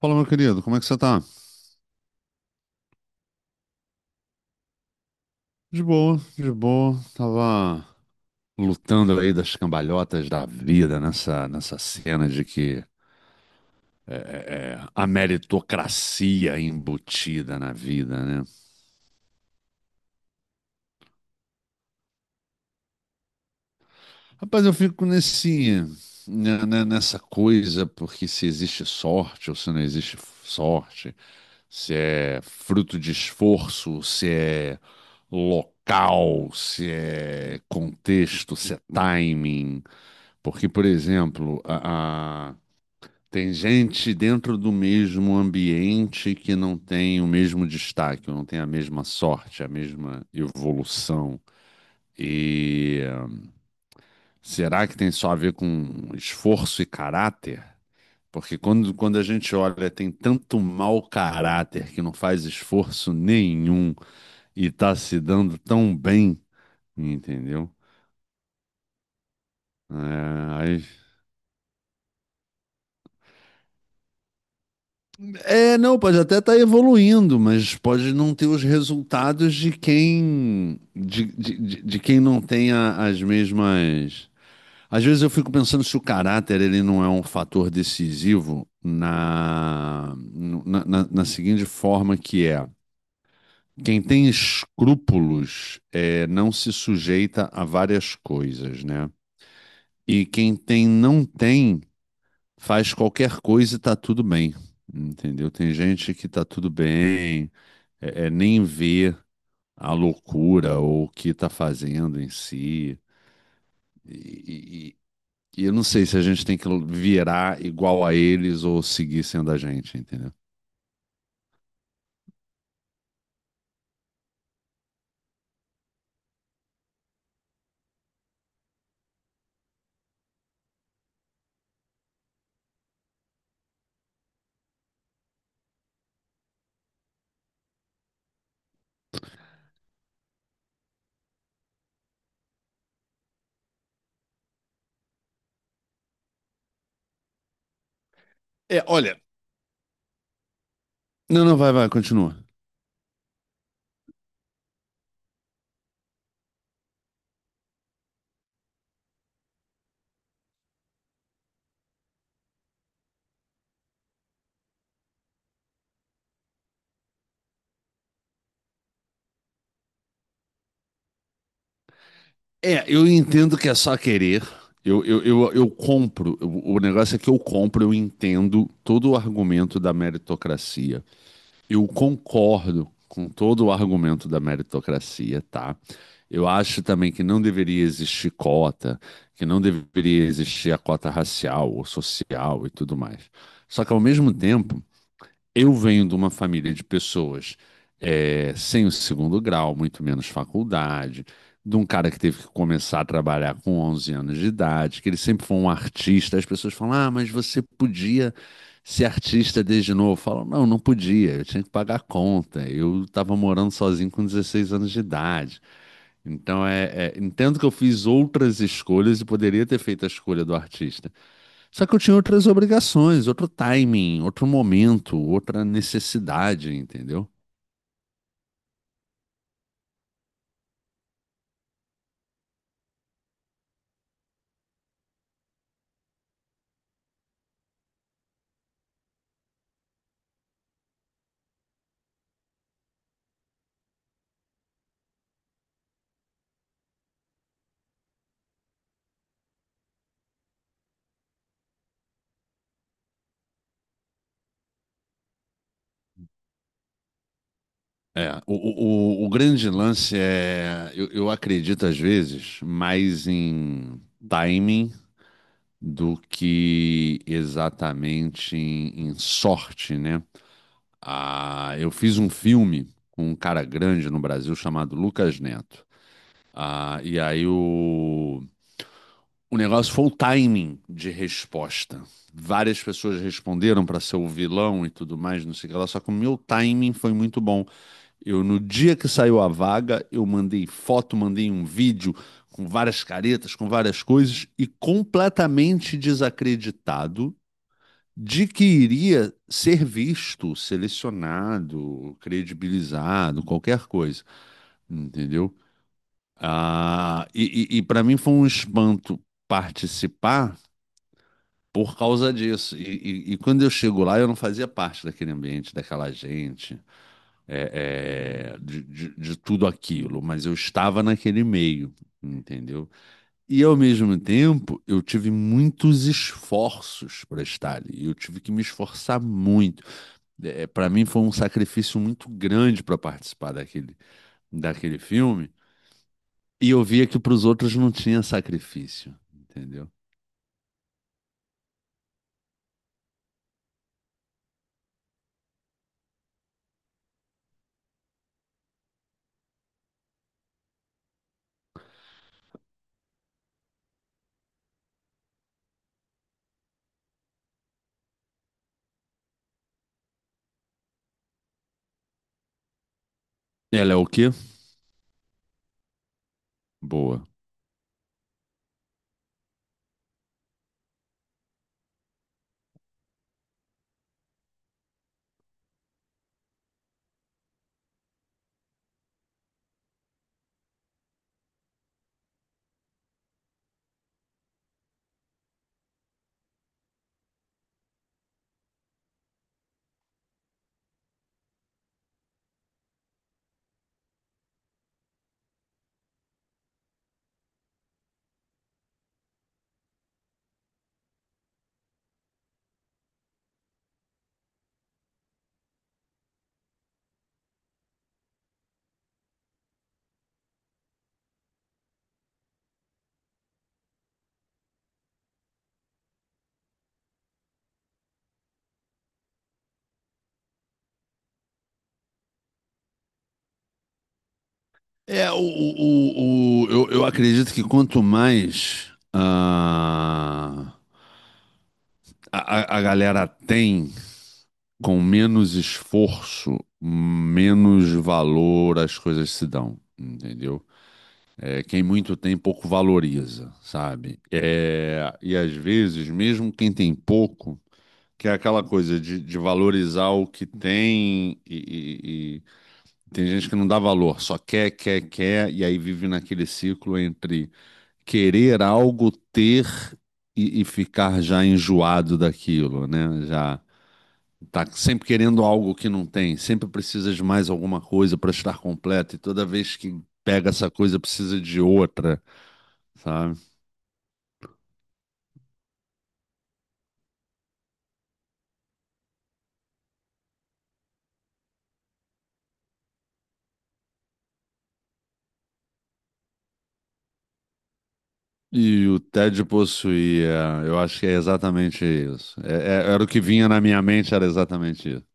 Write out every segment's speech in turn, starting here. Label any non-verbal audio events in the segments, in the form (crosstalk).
Fala, meu querido, como é que você tá? De boa, de boa. Tava lutando aí das cambalhotas da vida nessa cena de que é, é, a meritocracia é embutida na vida, né? Rapaz, eu fico nessa coisa, porque se existe sorte ou se não existe sorte, se é fruto de esforço, se é local, se é contexto, se é timing. Porque, por exemplo, tem gente dentro do mesmo ambiente que não tem o mesmo destaque, não tem a mesma sorte, a mesma evolução. Será que tem só a ver com esforço e caráter? Porque quando a gente olha, tem tanto mau caráter que não faz esforço nenhum e tá se dando tão bem, entendeu? É, aí- não, pode até estar evoluindo, mas pode não ter os resultados de quem de quem não tenha as mesmas. Às vezes eu fico pensando se o caráter ele não é um fator decisivo na seguinte forma que é. Quem tem escrúpulos não se sujeita a várias coisas, né? E quem tem não tem faz qualquer coisa e tá tudo bem, entendeu? Tem gente que tá tudo bem, nem vê a loucura ou o que tá fazendo em si. E, E eu não sei se a gente tem que virar igual a eles ou seguir sendo a gente, entendeu? É, olha. Não, não, vai, vai, continua. É, eu entendo que é só querer. Eu compro. O negócio é que eu compro, eu entendo todo o argumento da meritocracia. Eu concordo com todo o argumento da meritocracia, tá? Eu acho também que não deveria existir cota, que não deveria existir a cota racial ou social e tudo mais. Só que, ao mesmo tempo, eu venho de uma família de pessoas sem o segundo grau, muito menos faculdade, de um cara que teve que começar a trabalhar com 11 anos de idade, que ele sempre foi um artista. As pessoas falam: Ah, mas você podia ser artista desde novo. Eu falo: Não, não podia, eu tinha que pagar a conta. Eu estava morando sozinho com 16 anos de idade. Então, entendo que eu fiz outras escolhas e poderia ter feito a escolha do artista. Só que eu tinha outras obrigações, outro timing, outro momento, outra necessidade, entendeu? É, o grande lance é, eu acredito às vezes mais em timing do que exatamente em sorte, né? Ah, eu fiz um filme com um cara grande no Brasil chamado Lucas Neto. Ah, e aí o, O negócio foi o timing de resposta. Várias pessoas responderam para ser o vilão e tudo mais, não sei o que lá, só que o meu timing foi muito bom. Eu, no dia que saiu a vaga, eu mandei foto, mandei um vídeo com várias caretas, com várias coisas, e completamente desacreditado de que iria ser visto, selecionado, credibilizado, qualquer coisa, entendeu? Ah, e para mim foi um espanto participar por causa disso. E quando eu chego lá, eu não fazia parte daquele ambiente, daquela gente, de tudo aquilo, mas eu estava naquele meio, entendeu? E ao mesmo tempo, eu tive muitos esforços para estar ali. Eu tive que me esforçar muito. É, para mim foi um sacrifício muito grande para participar daquele, daquele filme. E eu via que para os outros não tinha sacrifício, entendeu? Ela é o quê? Boa. É, eu acredito que quanto mais a galera tem, com menos esforço, menos valor as coisas se dão, entendeu? É, quem muito tem, pouco valoriza, sabe? É, e às vezes, mesmo quem tem pouco, que é aquela coisa de valorizar o que tem e tem gente que não dá valor, só quer, quer, quer, e aí vive naquele ciclo entre querer algo, ter e ficar já enjoado daquilo, né? Já tá sempre querendo algo que não tem, sempre precisa de mais alguma coisa para estar completo, e toda vez que pega essa coisa precisa de outra, sabe? E o Ted possuía, eu acho que é exatamente isso. Era o que vinha na minha mente, era exatamente isso.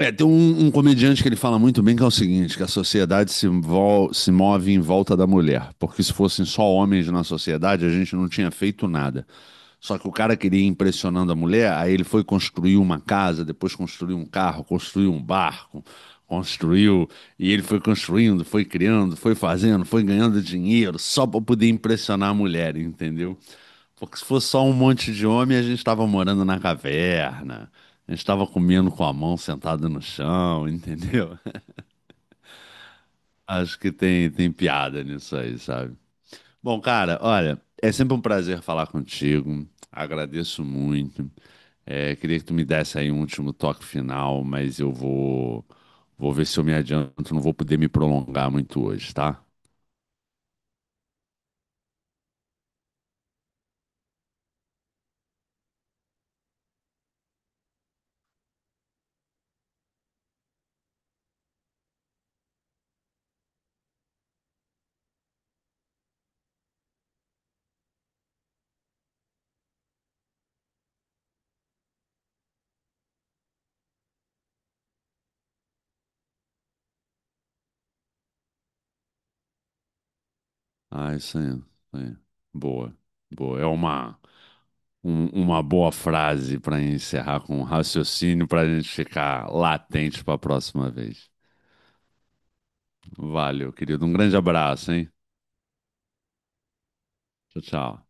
É, tem um comediante que ele fala muito bem que é o seguinte, que a sociedade se move em volta da mulher, porque se fossem só homens na sociedade, a gente não tinha feito nada. Só que o cara queria ir impressionando a mulher, aí ele foi construir uma casa, depois construiu um carro, construiu um barco, construiu, e ele foi construindo, foi criando, foi fazendo, foi ganhando dinheiro, só para poder impressionar a mulher, entendeu? Porque se fosse só um monte de homem, a gente estava morando na caverna, a gente estava comendo com a mão sentada no chão, entendeu? (laughs) Acho que tem piada nisso aí, sabe? Bom, cara, olha, é sempre um prazer falar contigo, agradeço muito. É, queria que tu me desse aí um último toque final, mas eu vou, vou ver se eu me adianto, não vou poder me prolongar muito hoje, tá? Ah, isso aí, isso aí. Boa, boa. É uma. Uma boa frase para encerrar com um raciocínio para a gente ficar latente para a próxima vez. Valeu, querido. Um grande abraço, hein? Tchau, tchau.